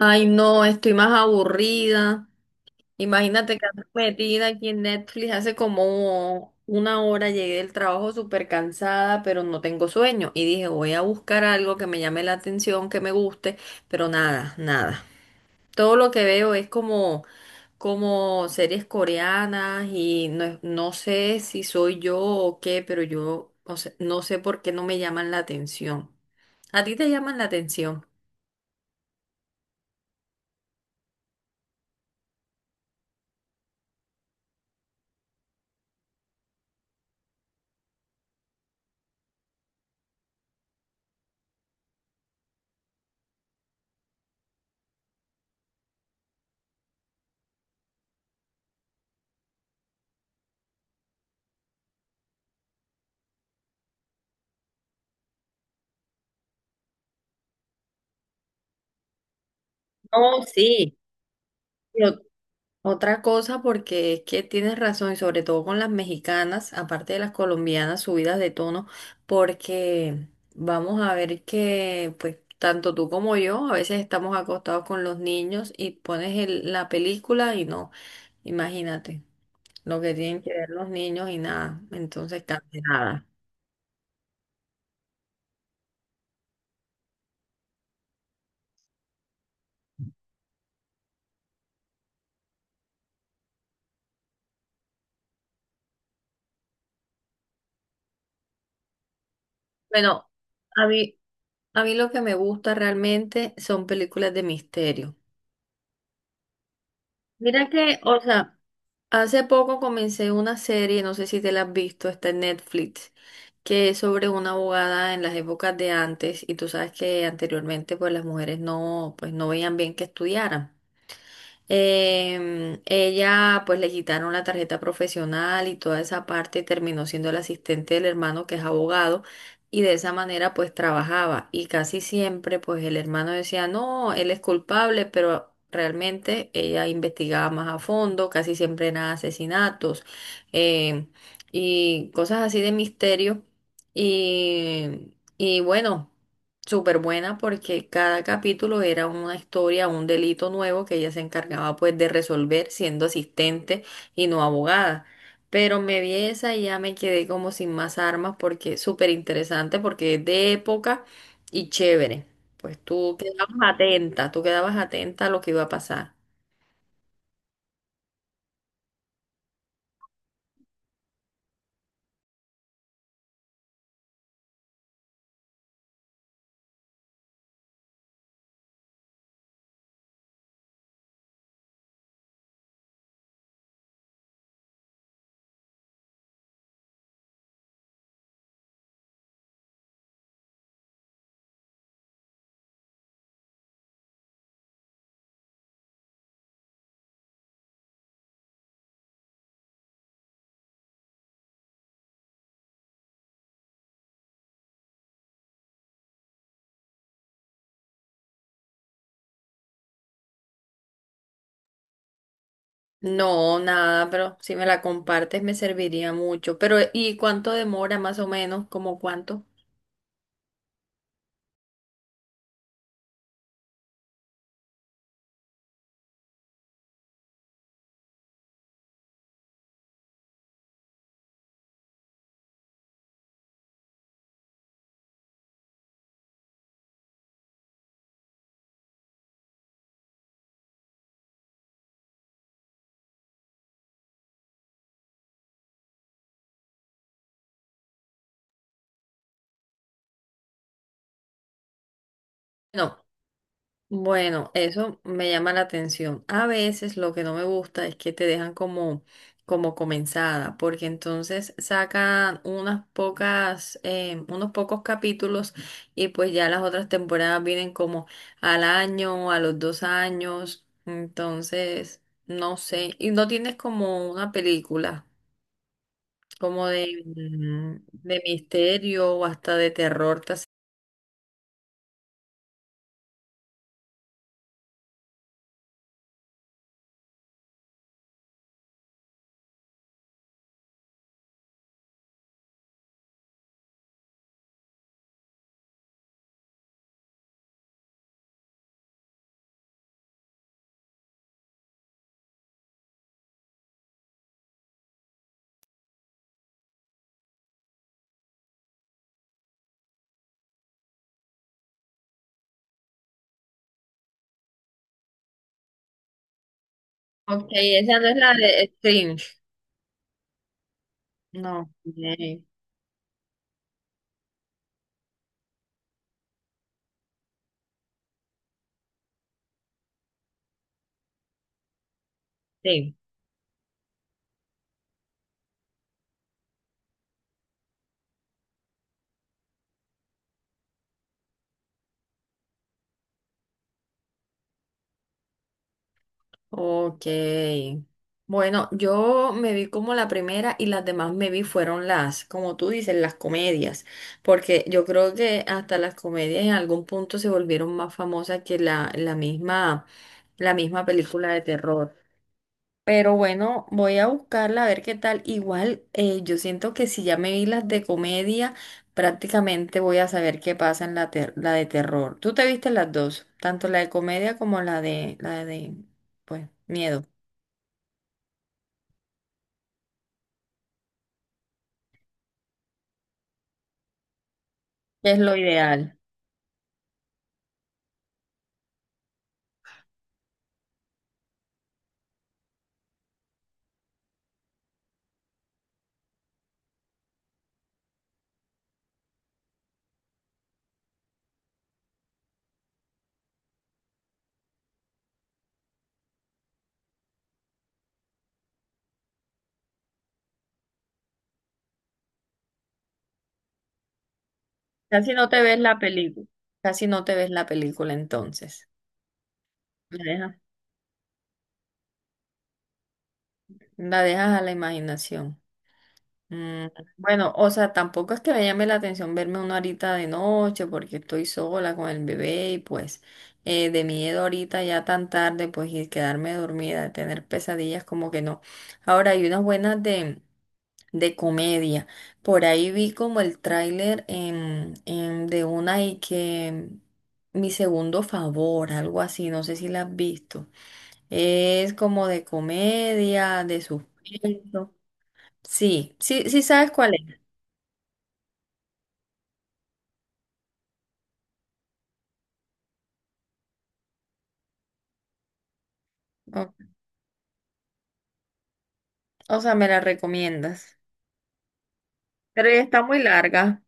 Ay, no, estoy más aburrida. Imagínate que ando metida aquí en Netflix hace como una hora. Llegué del trabajo súper cansada, pero no tengo sueño. Y dije, voy a buscar algo que me llame la atención, que me guste, pero nada, nada. Todo lo que veo es como series coreanas, y no, no sé si soy yo o qué, pero yo, o sea, no sé por qué no me llaman la atención. ¿A ti te llaman la atención? No, sí. Otra cosa, porque es que tienes razón, y sobre todo con las mexicanas, aparte de las colombianas, subidas de tono, porque vamos a ver que, pues, tanto tú como yo, a veces estamos acostados con los niños y pones la película y no, imagínate lo que tienen que ver los niños, y nada, entonces casi nada. Bueno, a mí, a mí lo que me gusta realmente son películas de misterio. Mira que, o sea, hace poco comencé una serie, no sé si te la has visto, está en Netflix, que es sobre una abogada en las épocas de antes, y tú sabes que anteriormente pues las mujeres no, pues no veían bien que estudiaran. Ella, pues le quitaron la tarjeta profesional y toda esa parte, terminó siendo el asistente del hermano, que es abogado, y de esa manera pues trabajaba, y casi siempre pues el hermano decía, no, él es culpable, pero realmente ella investigaba más a fondo, casi siempre eran asesinatos em, y cosas así de misterio. Y bueno, súper buena porque cada capítulo era una historia, un delito nuevo que ella se encargaba pues de resolver siendo asistente y no abogada. Pero me vi esa y ya me quedé como sin más armas, porque es súper interesante, porque es de época y chévere. Pues tú quedabas atenta a lo que iba a pasar. No, nada, pero si me la compartes me serviría mucho. Pero, ¿y cuánto demora más o menos? ¿Como cuánto? No. Bueno, eso me llama la atención. A veces lo que no me gusta es que te dejan como como comenzada, porque entonces sacan unas pocas, unos pocos capítulos, y pues ya las otras temporadas vienen como al año, a los 2 años, entonces no sé. Y no tienes como una película, como de misterio o hasta de terror. Ok, esa no es la de Strange. No. Ok. Sí. Ok. Bueno, yo me vi como la primera y las demás me vi fueron las, como tú dices, las comedias, porque yo creo que hasta las comedias en algún punto se volvieron más famosas que la misma película de terror. Pero bueno, voy a buscarla a ver qué tal. Igual, yo siento que si ya me vi las de comedia, prácticamente voy a saber qué pasa en la de terror. ¿Tú te viste las dos? Tanto la de comedia como la de, pues, miedo. Que es lo ideal. Casi no te ves la película, casi no te ves la película entonces. La dejas, la dejas a la imaginación. Mm, bueno, o sea, tampoco es que me llame la atención verme una horita de noche, porque estoy sola con el bebé y pues de miedo ahorita ya tan tarde pues, y quedarme dormida, tener pesadillas, como que no. Ahora hay unas buenas de comedia. Por ahí vi como el tráiler de una, y que mi segundo favor, algo así, no sé si la has visto. Es como de comedia, de suspenso. Sí, sí, sí sabes cuál es. O, o sea, me la recomiendas. Pero ya está muy larga.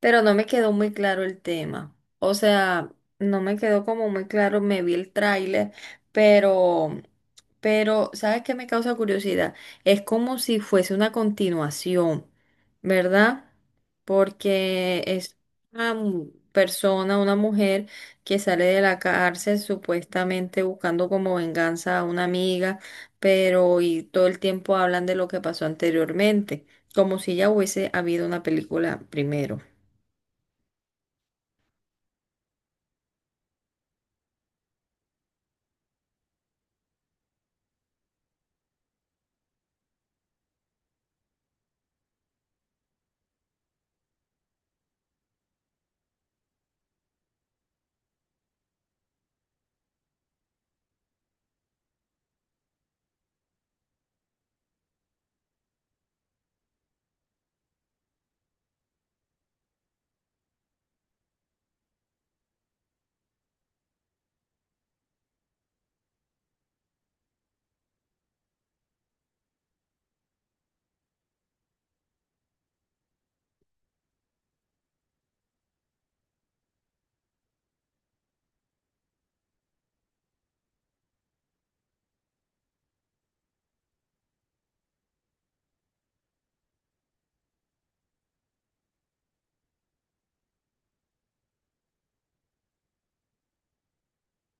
Pero no me quedó muy claro el tema. O sea, no me quedó como muy claro, me vi el tráiler, pero, pero, ¿sabes qué me causa curiosidad? Es como si fuese una continuación, ¿verdad? Porque es persona, una mujer que sale de la cárcel supuestamente buscando como venganza a una amiga, pero y todo el tiempo hablan de lo que pasó anteriormente, como si ya hubiese habido una película primero.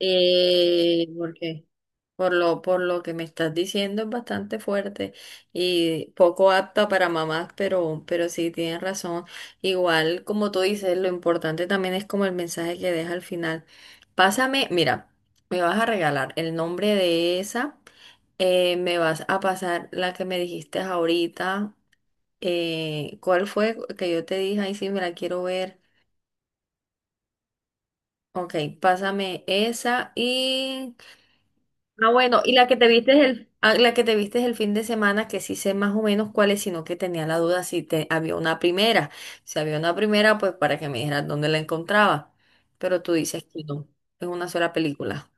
Porque por lo que me estás diciendo es bastante fuerte y poco apta para mamás, pero sí tienes razón. Igual, como tú dices, lo importante también es como el mensaje que deja al final. Pásame, mira, me vas a regalar el nombre de esa, me vas a pasar la que me dijiste ahorita. ¿Cuál fue que yo te dije? Ay, sí, me la quiero ver. Ok, pásame esa. Y ah, bueno, y la que te viste la que te viste el fin de semana, que sí sé más o menos cuál es, sino que tenía la duda si te, había una primera. Si había una primera, pues para que me dijeras dónde la encontraba. Pero tú dices que no, es una sola película.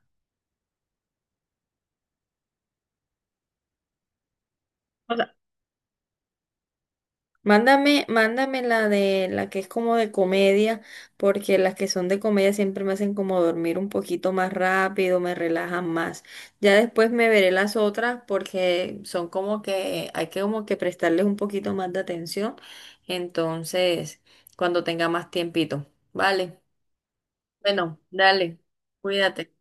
Mándame la de la que es como de comedia, porque las que son de comedia siempre me hacen como dormir un poquito más rápido, me relajan más. Ya después me veré las otras, porque son como que hay que como que prestarles un poquito más de atención. Entonces, cuando tenga más tiempito. Vale. Bueno, dale. Cuídate.